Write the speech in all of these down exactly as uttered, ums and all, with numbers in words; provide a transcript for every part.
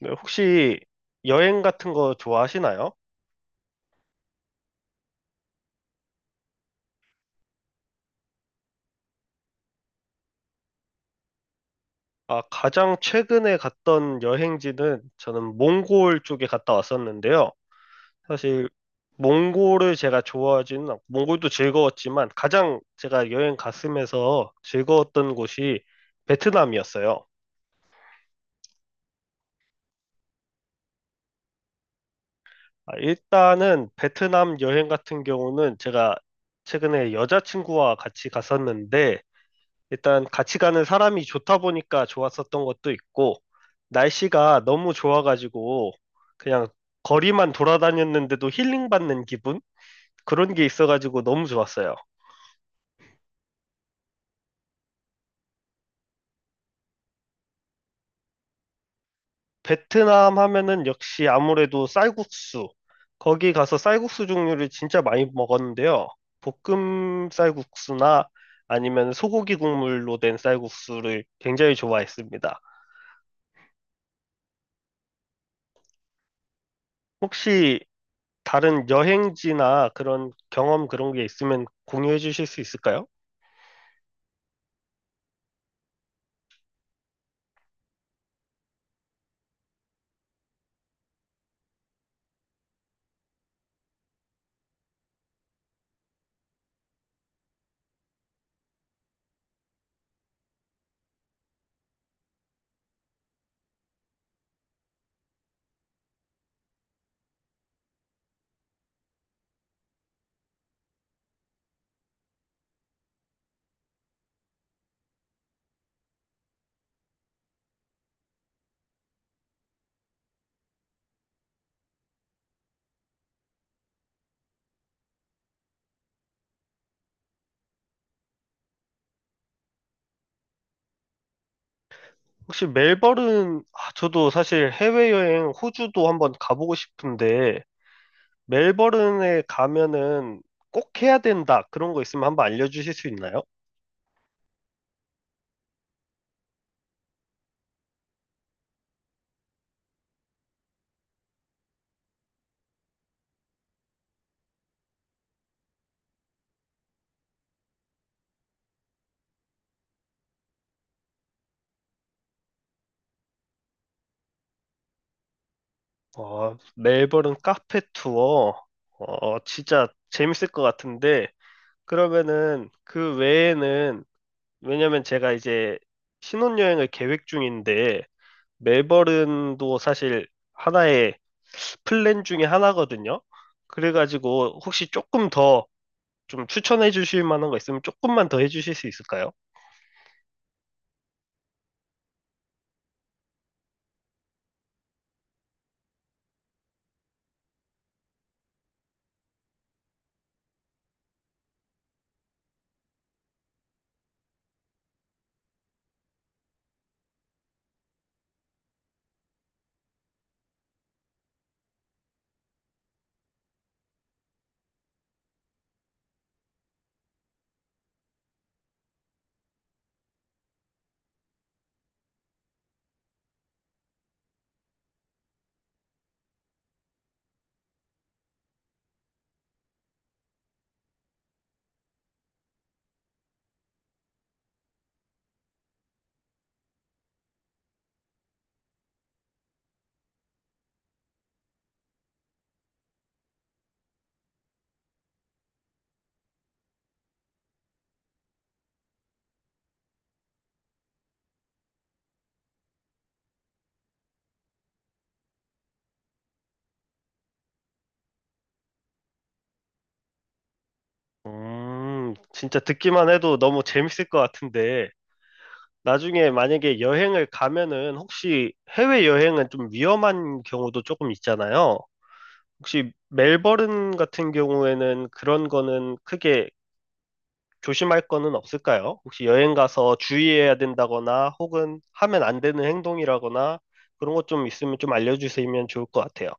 네, 혹시 여행 같은 거 좋아하시나요? 아, 가장 최근에 갔던 여행지는 저는 몽골 쪽에 갔다 왔었는데요. 사실 몽골을 제가 좋아하지는 않고, 몽골도 즐거웠지만 가장 제가 여행 갔으면서 즐거웠던 곳이 베트남이었어요. 아, 일단은 베트남 여행 같은 경우는 제가 최근에 여자친구와 같이 갔었는데 일단 같이 가는 사람이 좋다 보니까 좋았었던 것도 있고, 날씨가 너무 좋아가지고, 그냥 거리만 돌아다녔는데도 힐링받는 기분? 그런 게 있어가지고 너무 좋았어요. 베트남 하면은 역시 아무래도 쌀국수. 거기 가서 쌀국수 종류를 진짜 많이 먹었는데요. 볶음 쌀국수나 아니면 소고기 국물로 된 쌀국수를 굉장히 좋아했습니다. 혹시 다른 여행지나 그런 경험 그런 게 있으면 공유해 주실 수 있을까요? 혹시 멜버른, 아, 저도 사실 해외여행 호주도 한번 가보고 싶은데, 멜버른에 가면은 꼭 해야 된다. 그런 거 있으면 한번 알려주실 수 있나요? 어, 멜버른 카페 투어, 어, 진짜 재밌을 것 같은데, 그러면은 그 외에는, 왜냐면 제가 이제 신혼여행을 계획 중인데, 멜버 l 도 사실 하나의 플랜 중에 하나거든요. 그래가지고 혹시 조금 더 좀 추천해 주실 만한 거 있으면 조금만 더 해주실 수 있을까요? 음, 진짜 듣기만 해도 너무 재밌을 것 같은데, 나중에 만약에 여행을 가면은 혹시 해외 여행은 좀 위험한 경우도 조금 있잖아요. 혹시 멜버른 같은 경우에는 그런 거는 크게 조심할 거는 없을까요? 혹시 여행 가서 주의해야 된다거나 혹은 하면 안 되는 행동이라거나 그런 것 좀 있으면 좀 알려주시면 좋을 것 같아요.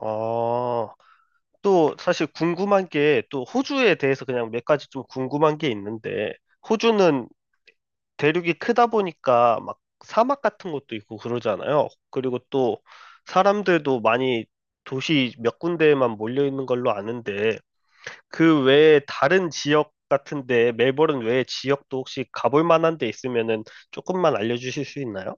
어, 또 사실 궁금한 게 또 호주에 대해서 그냥 몇 가지 좀 궁금한 게 있는데 호주는 대륙이 크다 보니까 막 사막 같은 것도 있고 그러잖아요. 그리고 또 사람들도 많이 도시 몇 군데에만 몰려 있는 걸로 아는데 그 외에 다른 지역 같은데 멜버른 외에 지역도 혹시 가볼 만한 데 있으면은 조금만 알려주실 수 있나요?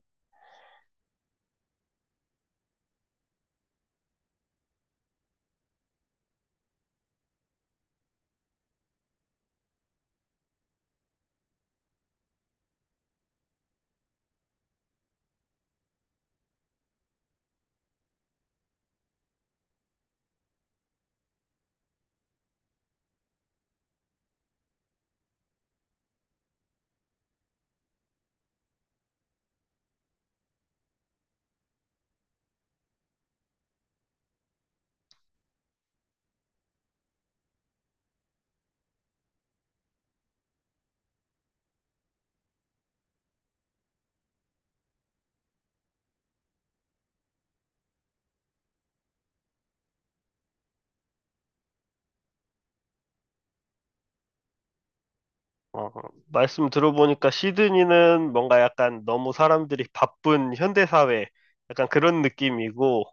어, 말씀 들어보니까 시드니는 뭔가 약간 너무 사람들이 바쁜 현대사회 약간 그런 느낌이고,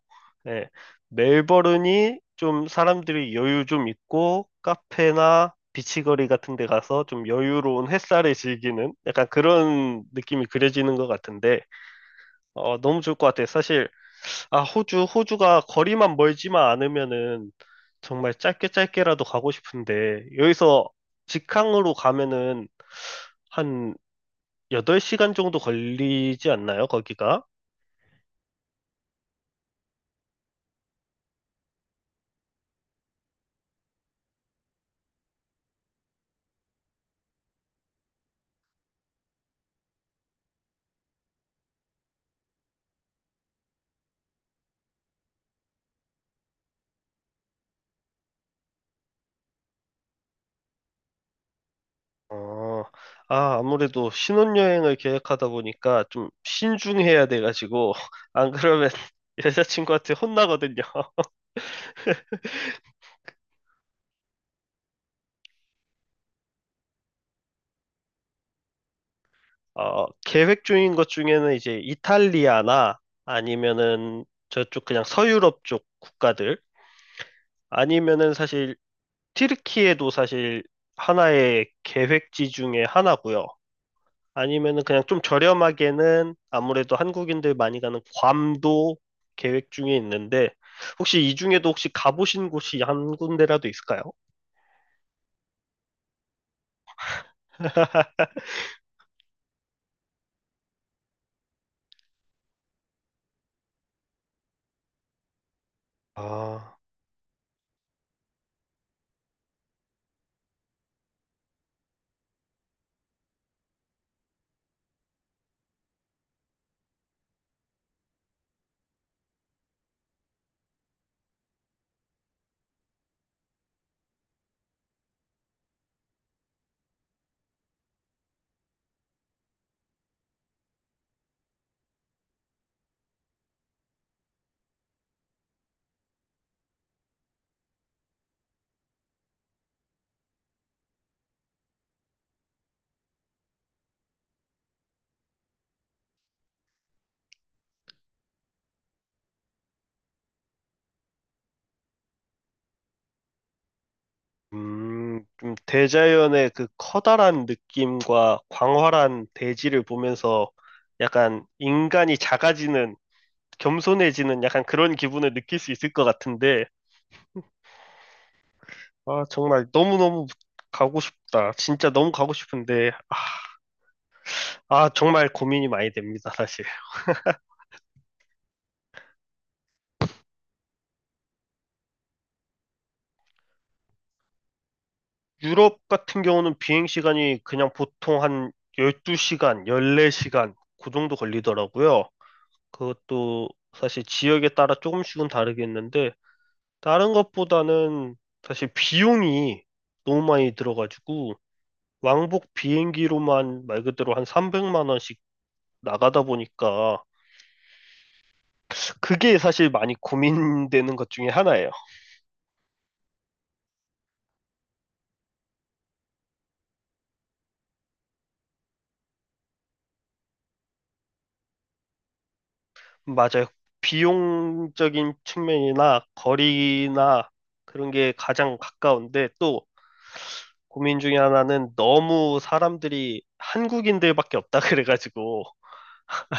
예, 멜버른이 좀 사람들이 여유 좀 있고 카페나 비치거리 같은 데 가서 좀 여유로운 햇살을 즐기는 약간 그런 느낌이 그려지는 것 같은데, 어, 너무 좋을 것 같아요. 사실, 아, 호주, 호주가 거리만 멀지만 않으면은 정말 짧게 짧게라도 가고 싶은데, 여기서 직항으로 가면은 한 여덟 시간 정도 걸리지 않나요, 거기가? 어, 아, 아무래도 신혼여행을 계획하다 보니까 좀 신중해야 돼가지고, 안 그러면 여자친구한테 혼나거든요. 어, 계획 중인 것 중에는 이제 이탈리아나 아니면은 저쪽 그냥 서유럽 쪽 국가들 아니면은 사실 튀르키예도 사실 하나의 계획지 중에 하나고요. 아니면은 그냥 좀 저렴하게는 아무래도 한국인들 많이 가는 괌도 계획 중에 있는데 혹시 이 중에도 혹시 가보신 곳이 한 군데라도 있을까요? 아, 음, 좀 대자연의 그 커다란 느낌과 광활한 대지를 보면서 약간 인간이 작아지는, 겸손해지는 약간 그런 기분을 느낄 수 있을 것 같은데, 아, 정말 너무너무 가고 싶다. 진짜 너무 가고 싶은데, 아, 아, 정말 고민이 많이 됩니다, 사실. 유럽 같은 경우는 비행 시간이 그냥 보통 한 열두 시간, 열네 시간, 그 정도 걸리더라고요. 그것도 사실 지역에 따라 조금씩은 다르겠는데, 다른 것보다는 사실 비용이 너무 많이 들어가지고 왕복 비행기로만 말 그대로 한 삼백만 원씩 나가다 보니까 그게 사실 많이 고민되는 것 중에 하나예요. 맞아요. 비용적인 측면이나 거리나 그런 게 가장 가까운데 또 고민 중에 하나는 너무 사람들이 한국인들밖에 없다 그래가지고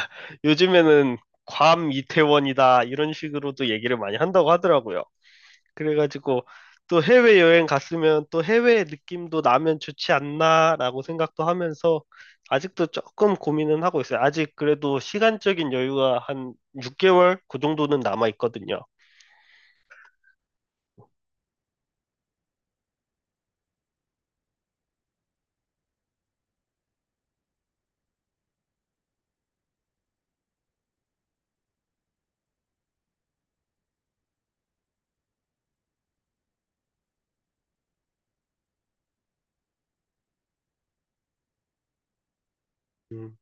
요즘에는 괌 이태원이다 이런 식으로도 얘기를 많이 한다고 하더라고요. 그래가지고 또 해외여행 갔으면 또 해외 느낌도 나면 좋지 않나라고 생각도 하면서 아직도 조금 고민은 하고 있어요. 아직 그래도 시간적인 여유가 한 육 개월 그 정도는 남아 있거든요. 음,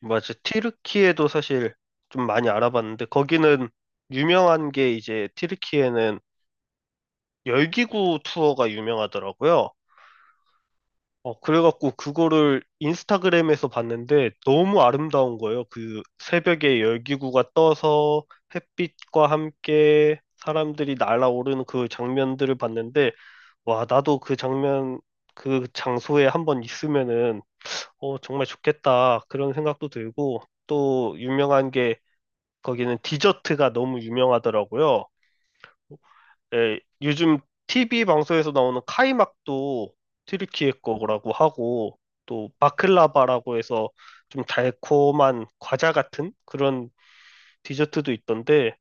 맞아. 튀르키예도 사실 좀 많이 알아봤는데 거기는 유명한 게 이제 튀르키예는 열기구 투어가 유명하더라고요. 어, 그래갖고 그거를 인스타그램에서 봤는데 너무 아름다운 거예요. 그 새벽에 열기구가 떠서 햇빛과 함께 사람들이 날아오르는 그 장면들을 봤는데, 와, 나도 그 장면, 그 장소에 한번 있으면은, 어, 정말 좋겠다. 그런 생각도 들고, 또 유명한 게 거기는 디저트가 너무 유명하더라고요. 예, 요즘 티비 방송에서 나오는 카이막도 튀르키예 거라고 하고 또 바클라바라고 해서 좀 달콤한 과자 같은 그런 디저트도 있던데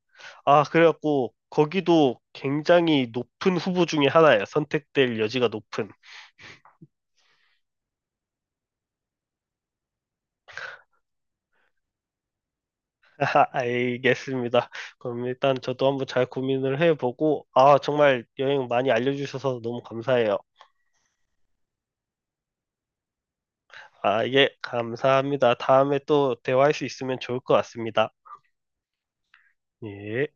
아 그래갖고 거기도 굉장히 높은 후보 중에 하나예요. 선택될 여지가 높은. 알겠습니다. 그럼 일단 저도 한번 잘 고민을 해보고 아 정말 여행 많이 알려주셔서 너무 감사해요. 아, 예, 감사합니다. 다음에 또 대화할 수 있으면 좋을 것 같습니다. 예.